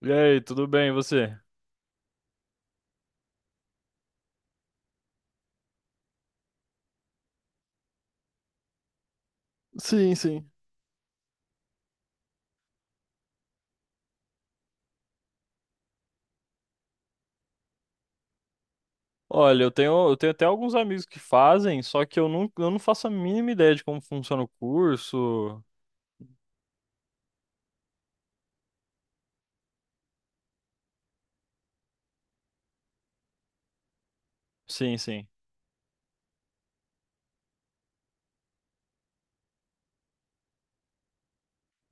E aí, tudo bem, e você? Sim, sim. Olha, eu tenho até alguns amigos que fazem, só que eu não faço a mínima ideia de como funciona o curso. Sim, sim,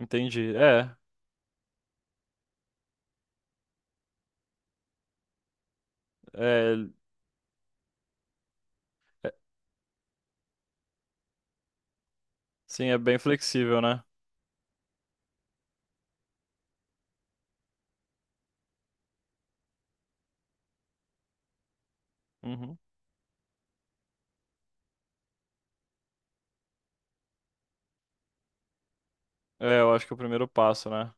entendi. É, é- sim, é bem flexível, né? Uhum. É, eu acho que é o primeiro passo, né?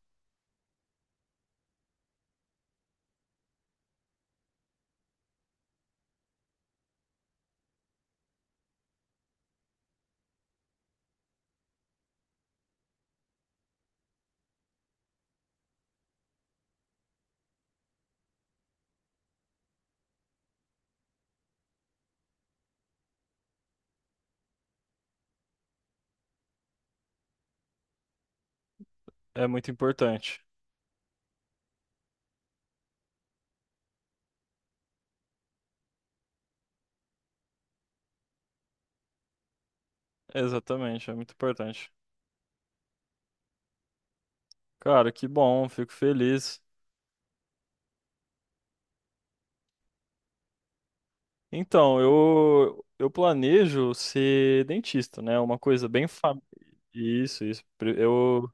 É muito importante. Exatamente, é muito importante. Cara, que bom, fico feliz. Então, eu planejo ser dentista, né? Uma coisa bem, isso, isso. Pre- Eu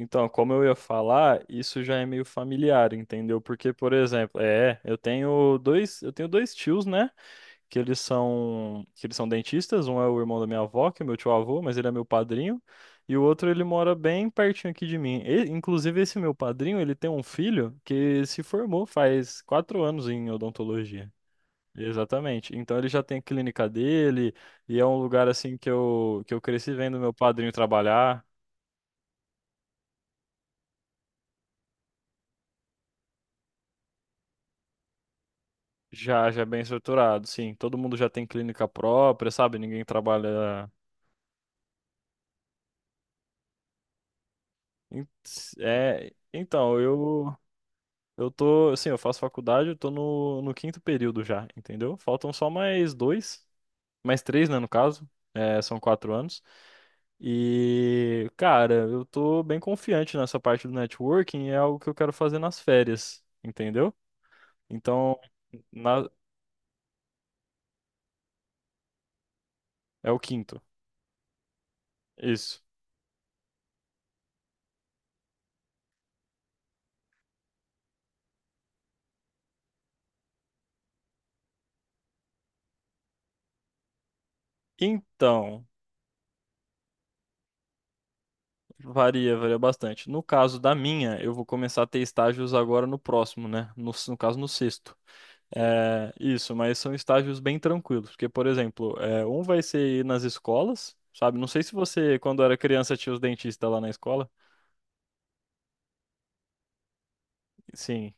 Então, como eu ia falar, isso já é meio familiar, entendeu? Porque, por exemplo, é, eu tenho dois tios, né? Que eles são dentistas. Um é o irmão da minha avó, que é meu tio-avô, mas ele é meu padrinho. E o outro, ele mora bem pertinho aqui de mim. E, inclusive, esse meu padrinho, ele tem um filho que se formou faz quatro anos em odontologia. Exatamente. Então ele já tem a clínica dele e é um lugar assim que eu cresci vendo meu padrinho trabalhar. Já, já é bem estruturado, sim. Todo mundo já tem clínica própria, sabe? Ninguém trabalha. em- É, então, eu tô, assim, eu faço faculdade, eu tô no quinto período já, entendeu? Faltam só mais dois, mais três, né, no caso. É, são quatro anos. E, cara, eu tô bem confiante nessa parte do networking, é algo que eu quero fazer nas férias, entendeu? Então, na- É o quinto. Isso. Então. Varia, varia bastante. No caso da minha, eu vou começar a ter estágios agora no próximo, né? No caso, no sexto. É, isso, mas são estágios bem tranquilos, porque, por exemplo, é, um vai ser ir nas escolas, sabe? Não sei se você, quando era criança, tinha os dentistas lá na escola. Sim,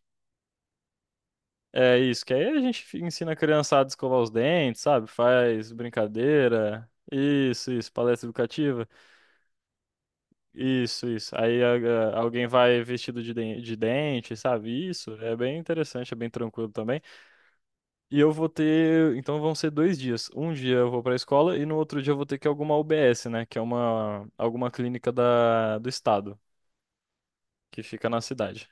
é isso, que aí a gente ensina a criançada a escovar os dentes, sabe? Faz brincadeira, isso, palestra educativa. Isso, isso. Alguém vai vestido de, de dente, sabe? Isso é bem interessante, é bem tranquilo também. E eu vou ter, então vão ser dois dias. Um dia eu vou para a escola e no outro dia eu vou ter que ir a alguma UBS, né? Que é uma alguma clínica do estado que fica na cidade.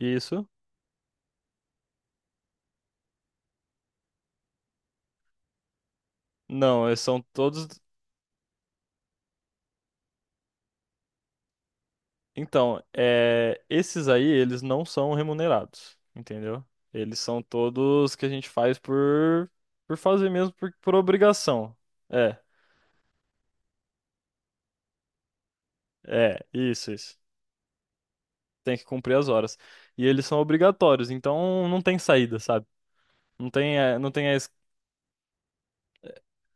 Isso? Não, eh, são todos. Então, é, esses aí eles não são remunerados, entendeu? Eles são todos que a gente faz por fazer mesmo, por obrigação. É, é, isso, isso. Tem que cumprir as horas. E eles são obrigatórios, então não tem saída, sabe? Não tem, é, não tem a, es-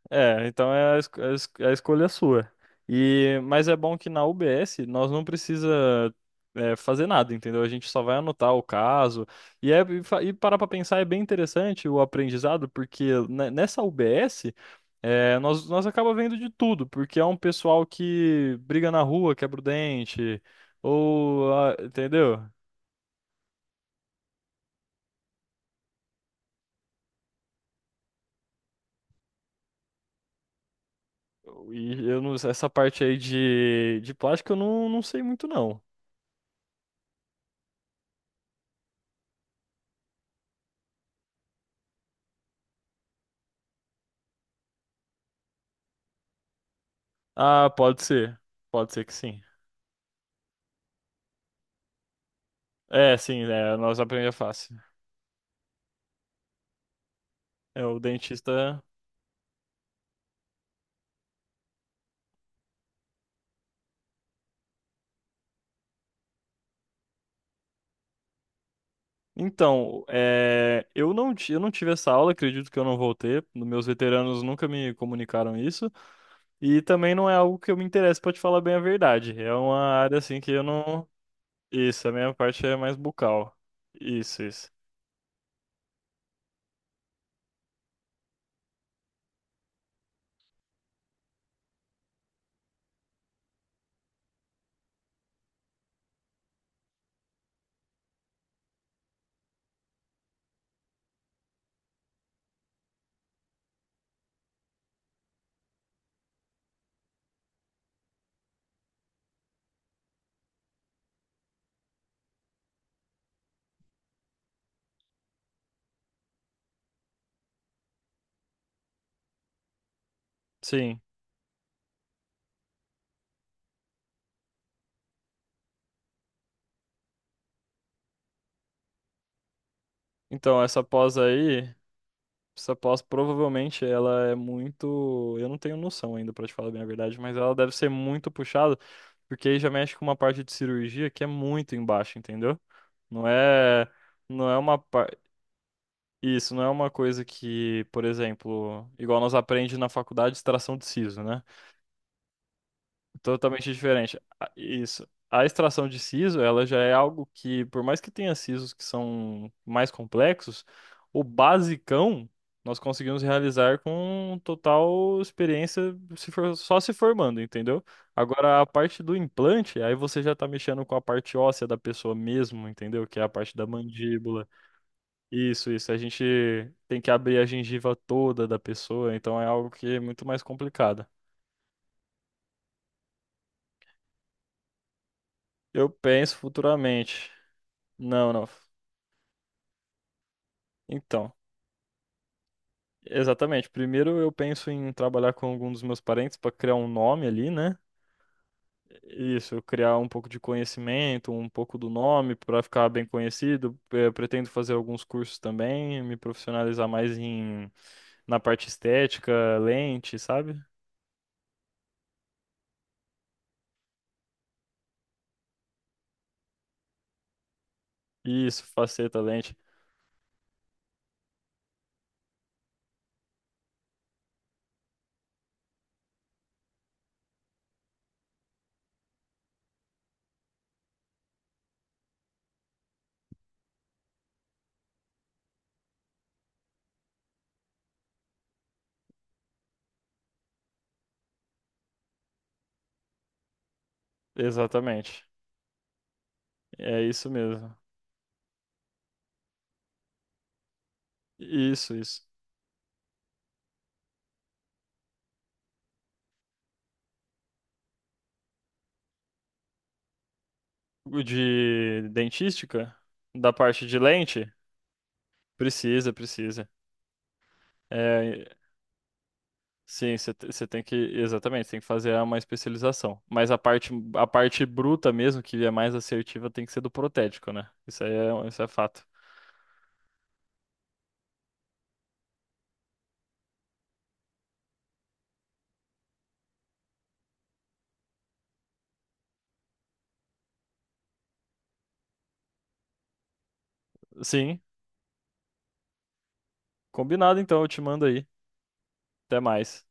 É, então é a escolha é sua. E, mas é bom que na UBS nós não precisa é, fazer nada, entendeu? A gente só vai anotar o caso. E parar pra pensar é bem interessante o aprendizado, porque nessa UBS é, nós acaba vendo de tudo, porque é um pessoal que briga na rua, quebra o dente, ou, ah, entendeu? E eu não, Essa parte aí de plástico eu não sei muito não. Ah, pode ser. Pode ser que sim. É, sim, é, nós aprendemos fácil. É, o dentista. Então, é, eu não tive essa aula, acredito que eu não vou ter. Meus veteranos nunca me comunicaram isso. E também não é algo que eu me interesse, pra te falar bem a verdade. É uma área assim que eu não. Isso, a minha parte é mais bucal. Isso, isso. Sim. Então, essa pós aí. Essa pós provavelmente ela é muito. Eu não tenho noção ainda, pra te falar bem a verdade, mas ela deve ser muito puxada, porque aí já mexe com uma parte de cirurgia que é muito embaixo, entendeu? Não é. Não é uma. par- Isso, não é uma coisa que, por exemplo, igual nós aprende na faculdade, extração de siso, né? Totalmente diferente. Isso. A extração de siso, ela já é algo que, por mais que tenha sisos que são mais complexos, o basicão nós conseguimos realizar com total experiência, se for- só se formando, entendeu? Agora, a parte do implante, aí você já tá mexendo com a parte óssea da pessoa mesmo, entendeu? Que é a parte da mandíbula. Isso, isso. A gente tem que abrir a gengiva toda da pessoa, então é algo que é muito mais complicado. Eu penso futuramente. Não, não. Então, exatamente. Primeiro eu penso em trabalhar com algum dos meus parentes para criar um nome ali, né? Isso, criar um pouco de conhecimento, um pouco do nome para ficar bem conhecido. Eh, pretendo fazer alguns cursos também, me profissionalizar mais em na parte estética, lente, sabe? Isso, faceta, lente. Exatamente. É isso mesmo. Isso, isso. O de dentística, da parte de lente, precisa, precisa. É, sim, você tem que, exatamente, tem que fazer uma especialização. Mas a parte bruta mesmo, que é mais assertiva, tem que ser do protético, né? Isso é fato. Sim, combinado então, eu te mando aí. Até mais.